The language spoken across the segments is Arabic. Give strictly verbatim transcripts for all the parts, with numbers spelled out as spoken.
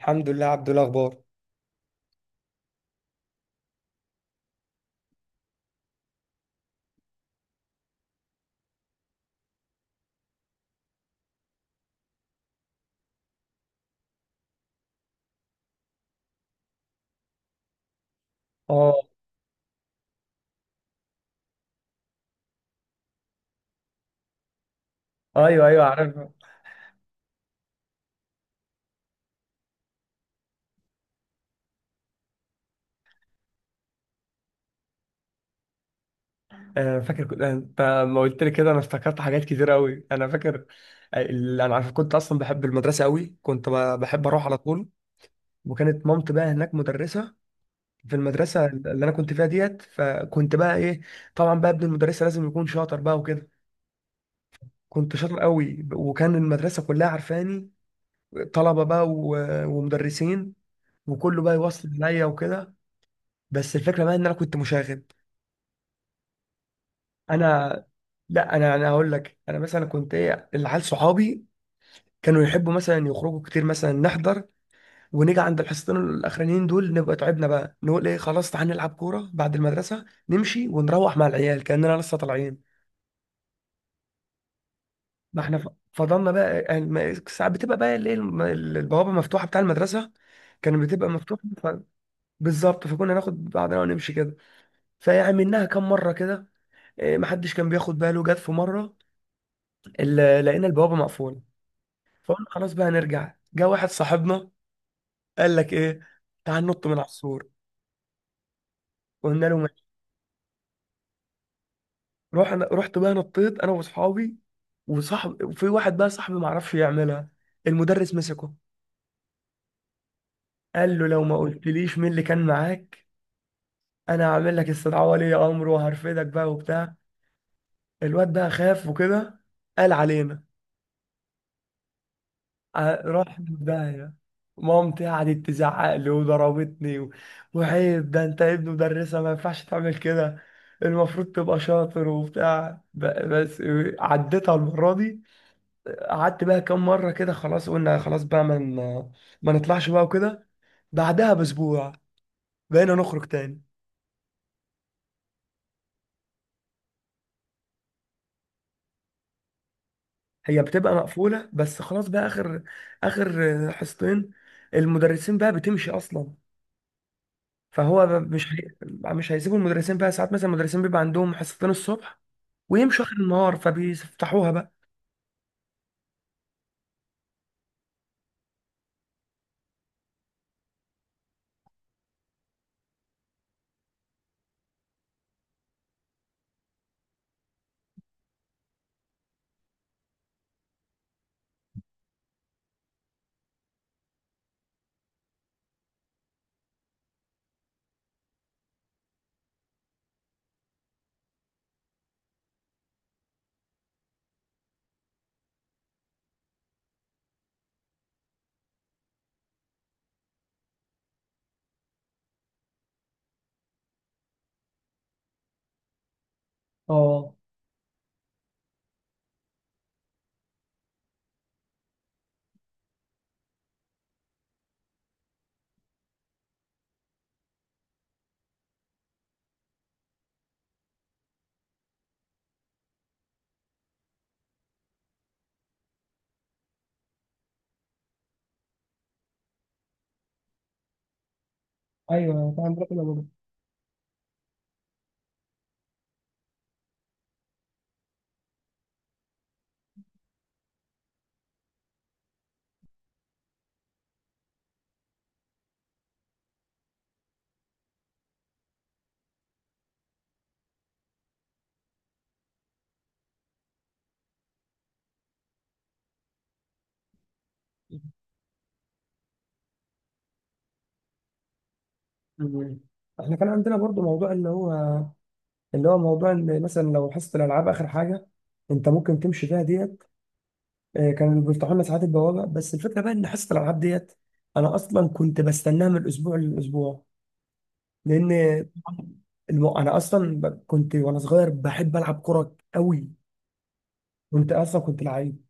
الحمد لله عبد الاخبار. اه. ايوه ايوه، عارف. آه، فاكر. كنت انت لما قلت لي كده انا افتكرت حاجات كتير قوي، انا فاكر. آه، ال- انا عارف كنت اصلا بحب المدرسه قوي، كنت ب- بحب اروح على طول. وكانت مامتي بقى هناك مدرسه في المدرسه اللي انا كنت فيها ديت، فكنت بقى ايه، طبعا بقى ابن المدرسه لازم يكون شاطر بقى وكده. كنت شاطر قوي، وكان المدرسه كلها عارفاني، طلبه بقى و- ومدرسين، وكله بقى يوصل عليا وكده. بس الفكره بقى ان انا كنت مشاغب. انا لا انا انا هقول لك، انا مثلا كنت ايه، العيال صحابي كانوا يحبوا مثلا يخرجوا كتير، مثلا نحضر ونيجي عند الحصتين الاخرانيين دول نبقى تعبنا بقى، نقول ايه خلاص تعالى نلعب كوره بعد المدرسه، نمشي ونروح مع العيال كاننا لسه طالعين. ما احنا ف- فضلنا بقى يعني، ما- ساعات بتبقى بقى الايه الم- البوابه مفتوحه بتاع المدرسه، كانت بتبقى مفتوحه ف... بالظبط. فكنا ناخد بعضنا ونمشي كده، فعملناها كام مره كده. إيه، محدش كان بياخد باله. جت في مره، ال- لقينا البوابه مقفوله، فقلنا خلاص بقى نرجع. جه واحد صاحبنا قال لك ايه، تعال ننط من على السور. قلنا له ماشي. رحنا، رحت بقى نطيت انا واصحابي، وصاحب وفي واحد بقى صاحبي ما عرفش يعملها، المدرس مسكه، قال له لو ما قلتليش مين اللي كان معاك انا هعمل لك استدعاء ولي امر وهرفدك بقى وبتاع. الواد بقى خاف وكده، قال علينا. ع- رحت في داهية. مامتي قعدت تزعق لي وضربتني، و... وعيب ده انت ابن مدرسة، ما ينفعش تعمل كده، المفروض تبقى شاطر وبتاع ب... بس عديتها المرة دي. قعدت بقى كام مرة كده، خلاص قلنا خلاص بقى ما من... ما نطلعش بقى وكده. بعدها بأسبوع بقينا نخرج تاني. هي بتبقى مقفولة بس خلاص بقى، آخر آخر حصتين المدرسين بقى بتمشي أصلا، فهو ب- مش هي- مش هيسيبوا المدرسين بقى. ساعات مثلا المدرسين بيبقى عندهم حصتين الصبح ويمشوا اخر النهار، فبيفتحوها بقى. اه. ايوه، كان عندنا كده برضه. مم. احنا كان عندنا برضه موضوع اللي هو، اللي هو موضوع ان مثلا لو حصه الالعاب اخر حاجه، انت ممكن تمشي فيها ديت. آه، كانوا بيفتحوا لنا ساعات البوابه، بس الفكره بقى ان حصه الالعاب ديت انا اصلا كنت بستناها من الاسبوع للاسبوع، لان الم- انا اصلا ب- كنت وانا صغير بحب العب كوره قوي. كنت اصلا كنت لعيب.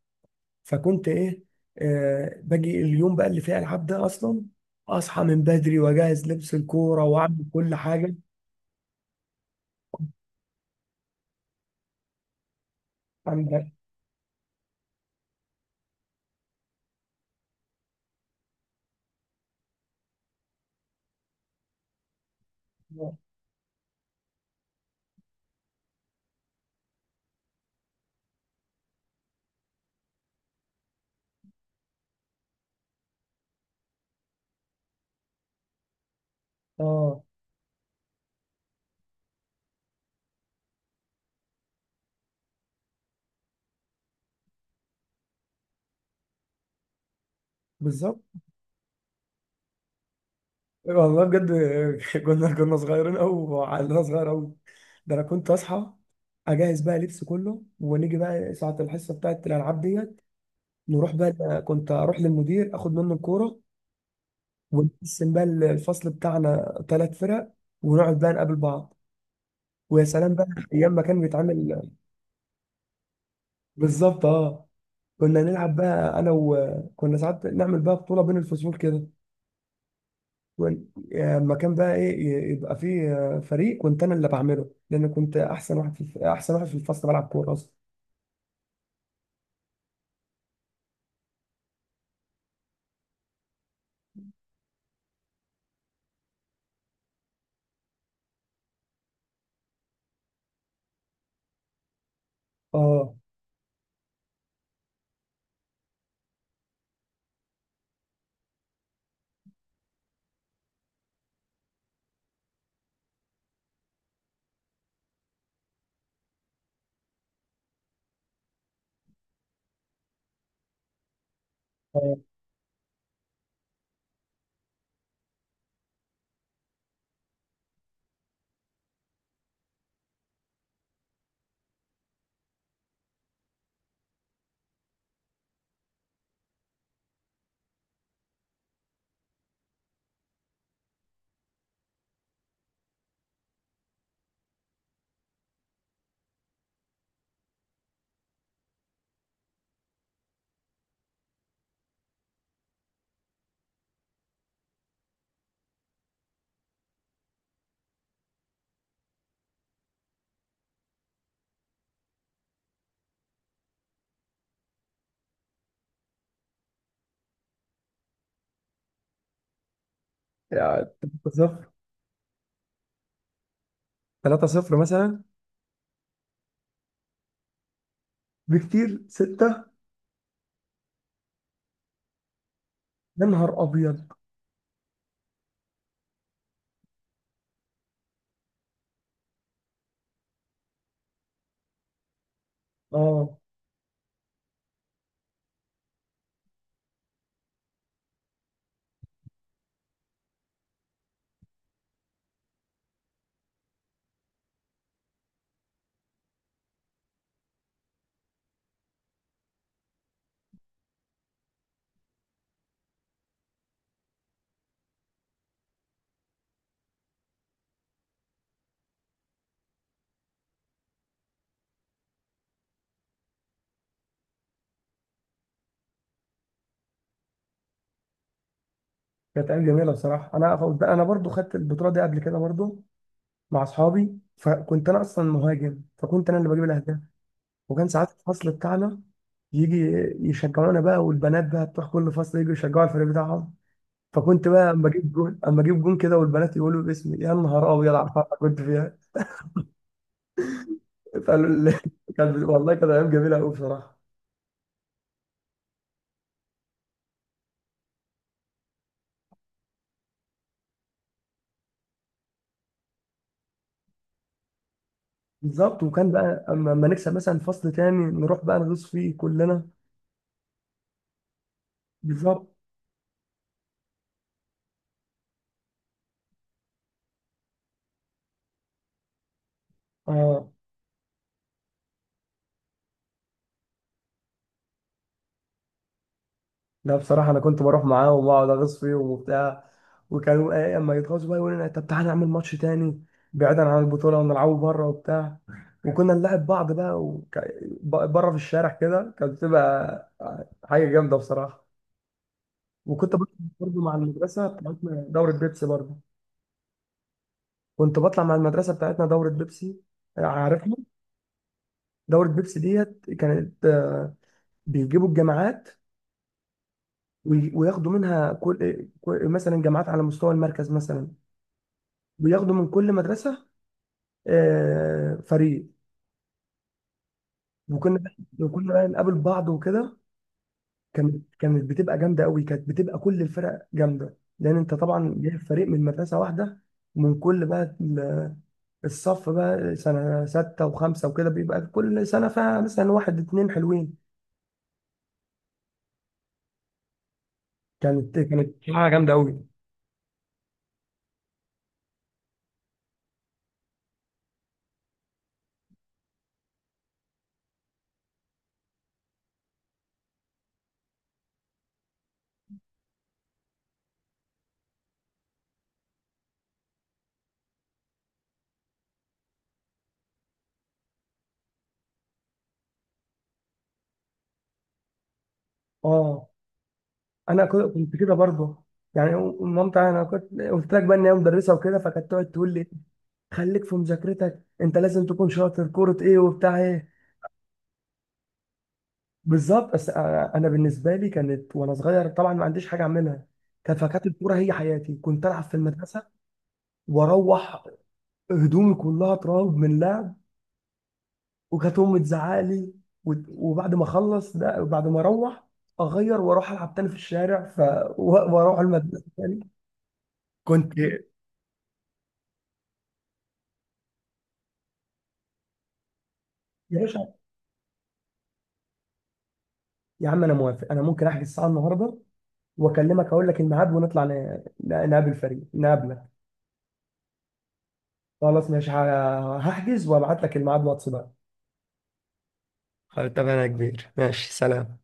فكنت ايه، آه باجي اليوم بقى اللي فيه العاب ده، اصلا اصحى من بدري واجهز لبس الكوره واعمل كل حاجه. عندك. اه، بالظبط. والله بجد. كنا كنا صغيرين قوي، وعقلنا صغير قوي. ده انا كنت اصحى، اجهز بقى لبس كله، ونيجي بقى ساعه الحصه بتاعت الالعاب ديت، نروح بقى. كنت اروح للمدير اخد منه الكوره، ونقسم بقى الفصل بتاعنا ثلاث فرق، ونقعد بقى نقابل بعض. ويا سلام بقى، ايام ما كان بيتعمل. بالظبط، اه. كنا نلعب بقى انا، وكنا ساعات نعمل بقى بطوله بين الفصول كده. ون- يعني لما كان بقى ايه ي- يبقى فيه آه، فريق، كنت انا اللي بعمله، لان كنت احسن واحد في الف... احسن واحد في الفصل بلعب كوره اصلا. اه. اه. يعني ثلاثة صفر. ثلاثة صفر مثلا. بكتير، ستة. يا نهار ابيض. اه. كانت ايام جميله بصراحه. انا فوز- انا برضو خدت البطوله دي قبل كده برضو مع اصحابي، فكنت انا اصلا مهاجم، فكنت انا اللي بجيب الاهداف. وكان ساعات الفصل بتاعنا يجي يشجعونا بقى، والبنات بقى بتوع كل فصل يجوا يشجعوا الفريق بتاعهم، فكنت بقى اما اجيب جون اما اجيب جون كده، والبنات يقولوا باسمي. يا نهار ابيض على الفرحه كنت فيها، فقالوا لي. كان، والله كانت ايام جميله قوي بصراحه. بالظبط. وكان بقى اما اما نكسب مثلا فصل تاني نروح بقى نغوص فيه كلنا. بالظبط، اه. لا بصراحة أنا كنت بروح معاهم وأقعد أغص فيهم وبتاع، وكانوا إيه أما يتغاظوا بقى يقولوا لنا طب تعالى نعمل ماتش تاني بعيدا عن البطولة ونلعبه بره وبتاع. وكنا نلعب بعض بقى وك... بره في الشارع كده، كانت بتبقى حاجة جامدة بصراحة. وكنت بطلع برضه مع المدرسة بتاعتنا دورة بيبسي برضه. كنت بطلع مع المدرسة بتاعتنا دورة بيبسي، عارفها. دورة بيبسي ديت كانت بيجيبوا الجامعات، وي- وياخدوا منها كل كل- مثلا جامعات على مستوى المركز مثلا، بياخدوا من كل مدرسة آه، فريق. وكنا وكنا بقى نقابل بعض وكده. كانت كانت بتبقى جامدة قوي، كانت بتبقى كل الفرق جامدة، لأن أنت طبعا جايب فريق من مدرسة واحدة، ومن كل بقى ال- الصف بقى سنة ستة وخمسة وكده، بيبقى كل سنة فيها مثلا واحد اتنين حلوين. كانت كانت حاجة جامدة قوي. اه، أنا كنت كنت كده برضه يعني. مامتي أنا كنت قلت لك بقى إن هي مدرسة وكده، فكانت تقعد تقول لي خليك في مذاكرتك، انت لازم تكون شاطر كرة ايه وبتاع ايه. بالظبط. بس انا أنا بالنسبه لي كانت وانا صغير طبعا ما عنديش حاجه اعملها. كان فكانت الكوره هي حياتي، كنت العب في المدرسه واروح هدومي كلها تراب من لعب، وكانت امي تزعق لي. وت- وبعد ما اخلص ده، بعد ما اروح اغير واروح العب تاني في الشارع، ف و- واروح المدرسه تاني. كنت يا باشا، يا عم انا موافق. انا ممكن احجز الساعه النهارده واكلمك اقول لك الميعاد، ونطلع ن- ن- نقابل فريق، نقابلك. خلاص ماشي، ه- هحجز وابعت لك الميعاد واتس بقى. خلاص اتفقنا يا كبير، ماشي، سلام.